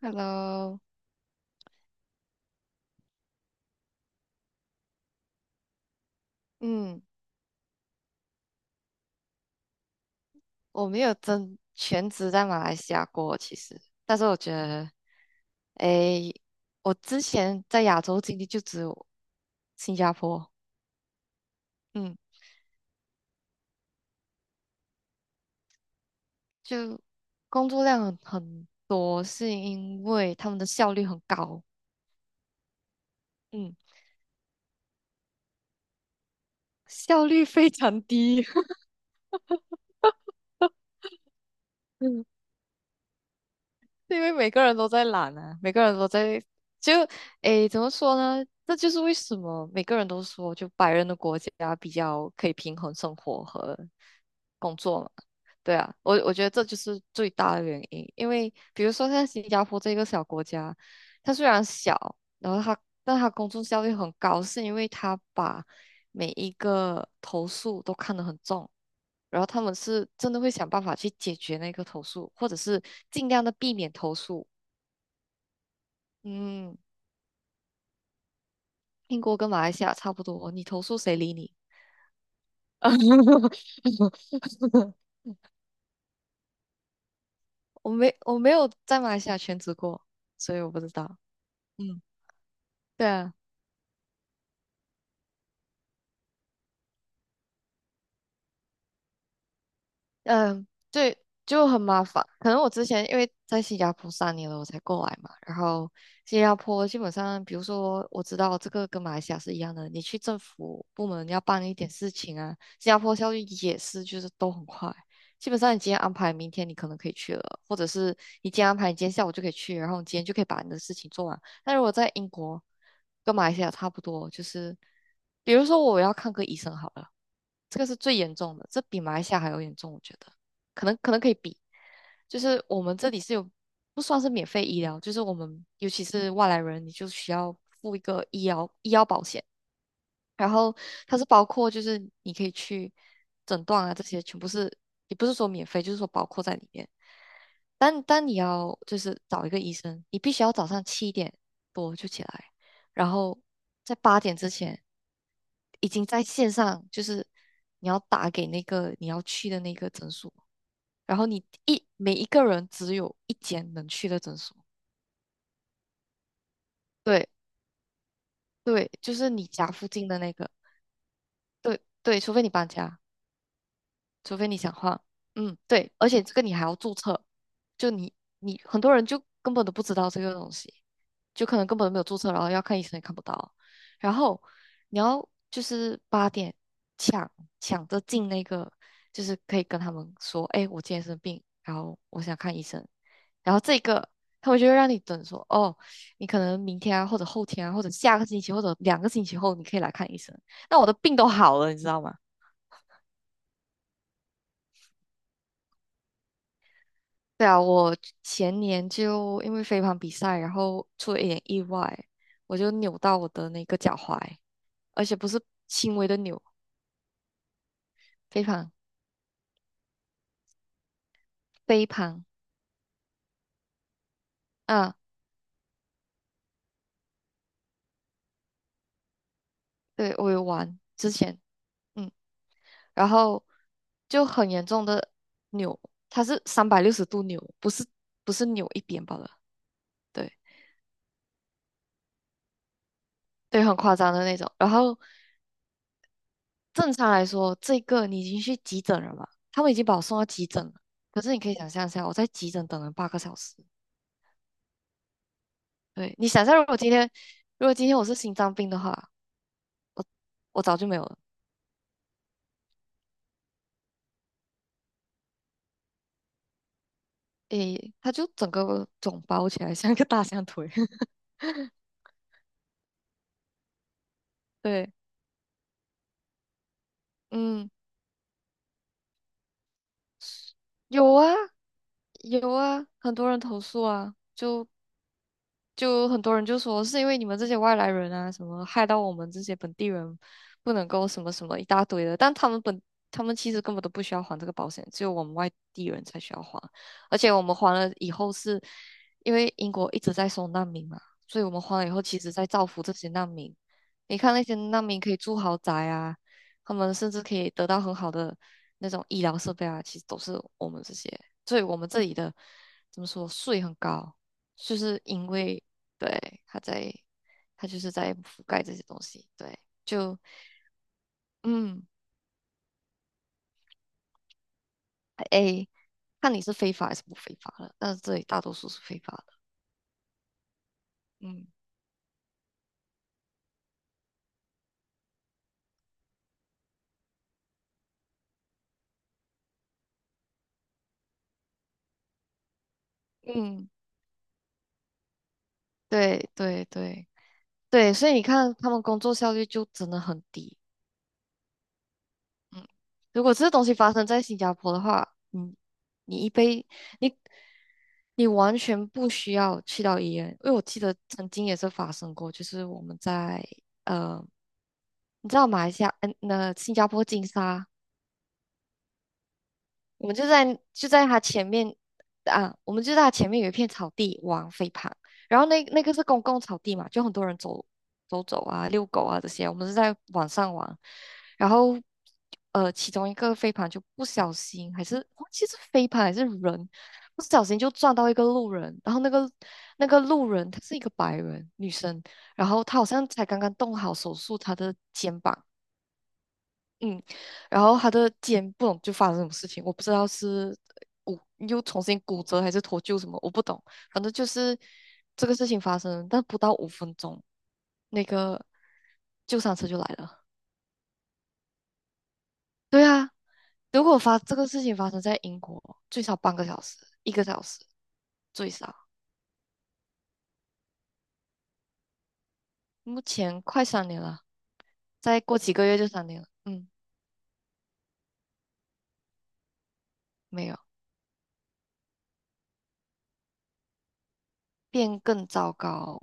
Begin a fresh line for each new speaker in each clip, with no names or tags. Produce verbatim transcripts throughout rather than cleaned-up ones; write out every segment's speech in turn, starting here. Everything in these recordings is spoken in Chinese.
Hello，嗯，我没有真全职在马来西亚过，其实，但是我觉得，诶，我之前在亚洲经历就只有新加坡。嗯，就工作量很很多，是因为他们的效率很高。嗯，效率非常低。因为每个人都在懒啊，每个人都在就诶，怎么说呢？这就是为什么每个人都说，就白人的国家比较可以平衡生活和工作嘛。对啊，我我觉得这就是最大的原因。因为比如说像新加坡这个小国家，它虽然小。然后他，但他工作效率很高，是因为他把每一个投诉都看得很重。然后他们是真的会想办法去解决那个投诉，或者是尽量的避免投诉。嗯，英国跟马来西亚差不多，你投诉谁理你？我没我没有在马来西亚全职过，所以我不知道。嗯，对啊。嗯，对，就很麻烦。可能我之前因为在新加坡三年了，我才过来嘛。然后新加坡基本上，比如说我知道这个跟马来西亚是一样的，你去政府部门要办一点事情啊，新加坡效率也是，就是都很快。基本上你今天安排，明天你可能可以去了，或者是你今天安排，你今天下午就可以去，然后你今天就可以把你的事情做完。但如果在英国跟马来西亚差不多，就是比如说我要看个医生好了。这个是最严重的，这比马来西亚还要严重，我觉得，可能可能可以比，就是我们这里是有不算是免费医疗，就是我们尤其是外来人，你就需要付一个医疗医疗保险。然后它是包括就是你可以去诊断啊，这些全部是也不是说免费，就是说包括在里面。但但你要就是找一个医生，你必须要早上七点多就起来，然后在八点之前已经在线上，就是你要打给那个你要去的那个诊所，然后你一每一个人只有一间能去的诊所。对对，就是你家附近的那个。对对，除非你搬家。除非你想换。嗯，对，而且这个你还要注册，就你你很多人就根本都不知道这个东西，就可能根本都没有注册，然后要看医生也看不到。然后你要就是八点抢抢着进那个，就是可以跟他们说，哎，我今天生病，然后我想看医生。然后这个他们就会让你等说，哦，你可能明天啊，或者后天啊，或者下个星期，或者两个星期后，你可以来看医生。那我的病都好了，你知道吗？对啊，我前年就因为飞盘比赛，然后出了一点意外。我就扭到我的那个脚踝，而且不是轻微的扭。飞盘，飞盘啊。对，我有玩之前。嗯，然后就很严重的扭，它是三百六十度扭，不是不是扭一边罢了。对对，很夸张的那种。然后正常来说，这个你已经去急诊了嘛，他们已经把我送到急诊了。可是你可以想象一下，我在急诊等了八个小时。对，你想象，如果今天，如果今天我是心脏病的话，我早就没有了。诶，他就整个肿包起来，像一个大象腿。对，嗯，有啊，有啊，很多人投诉啊，就就很多人就说是因为你们这些外来人啊，什么害到我们这些本地人不能够什么什么一大堆的，但他们本他们其实根本都不需要还这个保险，只有我们外地人才需要还，而且我们还了以后是，因为英国一直在收难民嘛，所以我们还了以后，其实在造福这些难民。你看那些难民可以住豪宅啊，他们甚至可以得到很好的那种医疗设备啊，其实都是我们这些，所以我们这里的怎么说税很高。就是因为对，他在，他就是在覆盖这些东西。对，就，嗯，哎，看你是非法还是不非法了。但是这里大多数是非法的。嗯嗯，对对对对，所以你看他们工作效率就真的很低。嗯，如果这东西发生在新加坡的话，嗯，你一杯你你完全不需要去到医院，因为我记得曾经也是发生过，就是我们在。呃你知道马来西亚，嗯，那新加坡金沙，我们就在就在它前面啊，我们就在它前面有一片草地玩飞盘。然后那那个是公共草地嘛，就很多人走走走啊、遛狗啊这些，我们是在晚上玩。然后呃，其中一个飞盘就不小心还是忘记是飞盘还是人，不小心就撞到一个路人。然后那个那个路人她是一个白人女生，然后她好像才刚刚动好手术她的肩膀。嗯，然后他的肩不懂就发生什么事情，我不知道是骨又重新骨折还是脱臼什么，我不懂。反正就是这个事情发生，但不到五分钟，那个救伤车就来了。对啊，如果发这个事情发生在英国，最少半个小时，一个小时最少。目前快三年了，再过几个月就三年了。嗯，没有变更糟糕。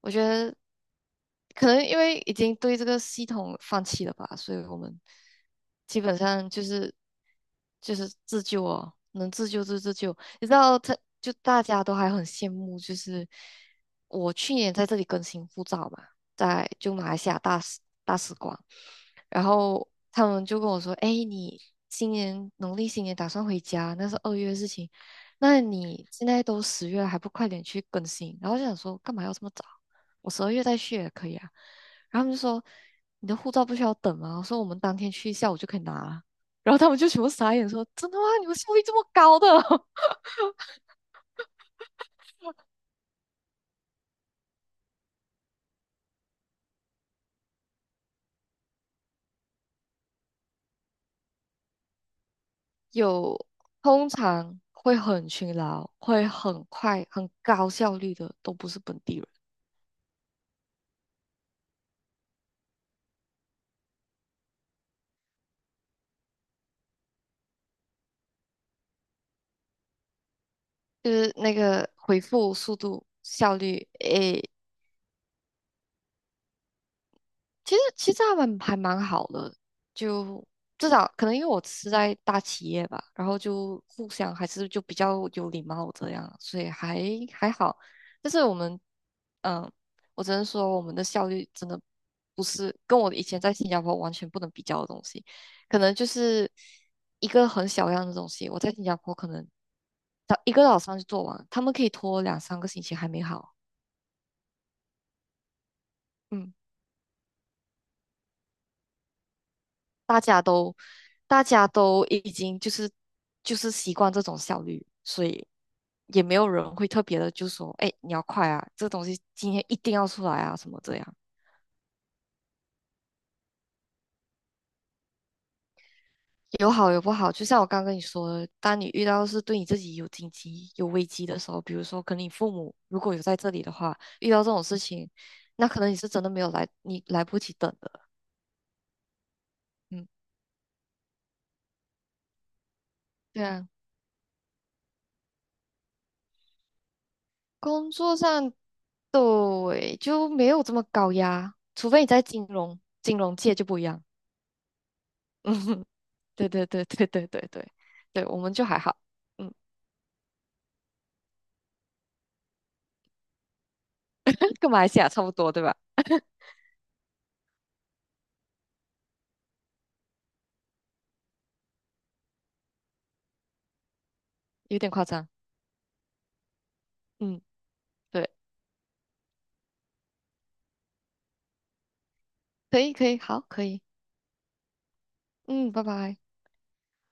我觉得可能因为已经对这个系统放弃了吧，所以我们基本上就是就是自救哦，能自救就自救。你知道他，就大家都还很羡慕，就是我去年在这里更新护照嘛，在就马来西亚大使大使馆，然后他们就跟我说：“哎，你今年农历新年打算回家？那是二月的事情，那你现在都十月了，还不快点去更新？”然后我就想说，干嘛要这么早？我十二月再去也可以啊。然后他们就说你的护照不需要等吗？我说我们当天去下午就可以拿了。然后他们就全部傻眼说，真的吗？你们效率这么高的？有通常会很勤劳、会很快、很高效率的，都不是本地人。就是那个回复速度效率，诶，其实其实他们还蛮好的，就至少可能因为我是在大企业吧，然后就互相还是就比较有礼貌这样，所以还还好。但是我们，嗯，我只能说我们的效率真的不是跟我以前在新加坡完全不能比较的东西。可能就是一个很小样的东西，我在新加坡可能早一个早上就做完，他们可以拖两三个星期还没好。嗯。大家都大家都已经就是就是习惯这种效率，所以也没有人会特别的就说，哎，你要快啊，这东西今天一定要出来啊，什么这样。有好有不好，就像我刚跟你说的，当你遇到是对你自己有紧急、有危机的时候，比如说可能你父母如果有在这里的话，遇到这种事情，那可能你是真的没有来，你来不及等的。嗯，对啊。工作上，对，就没有这么高压，除非你在金融金融界就不一样。嗯哼，对对对对对对对，对我们就还好。嗯，跟马来西亚差不多，对吧？有点夸张，嗯，对，可以可以，好，可以，嗯，拜拜。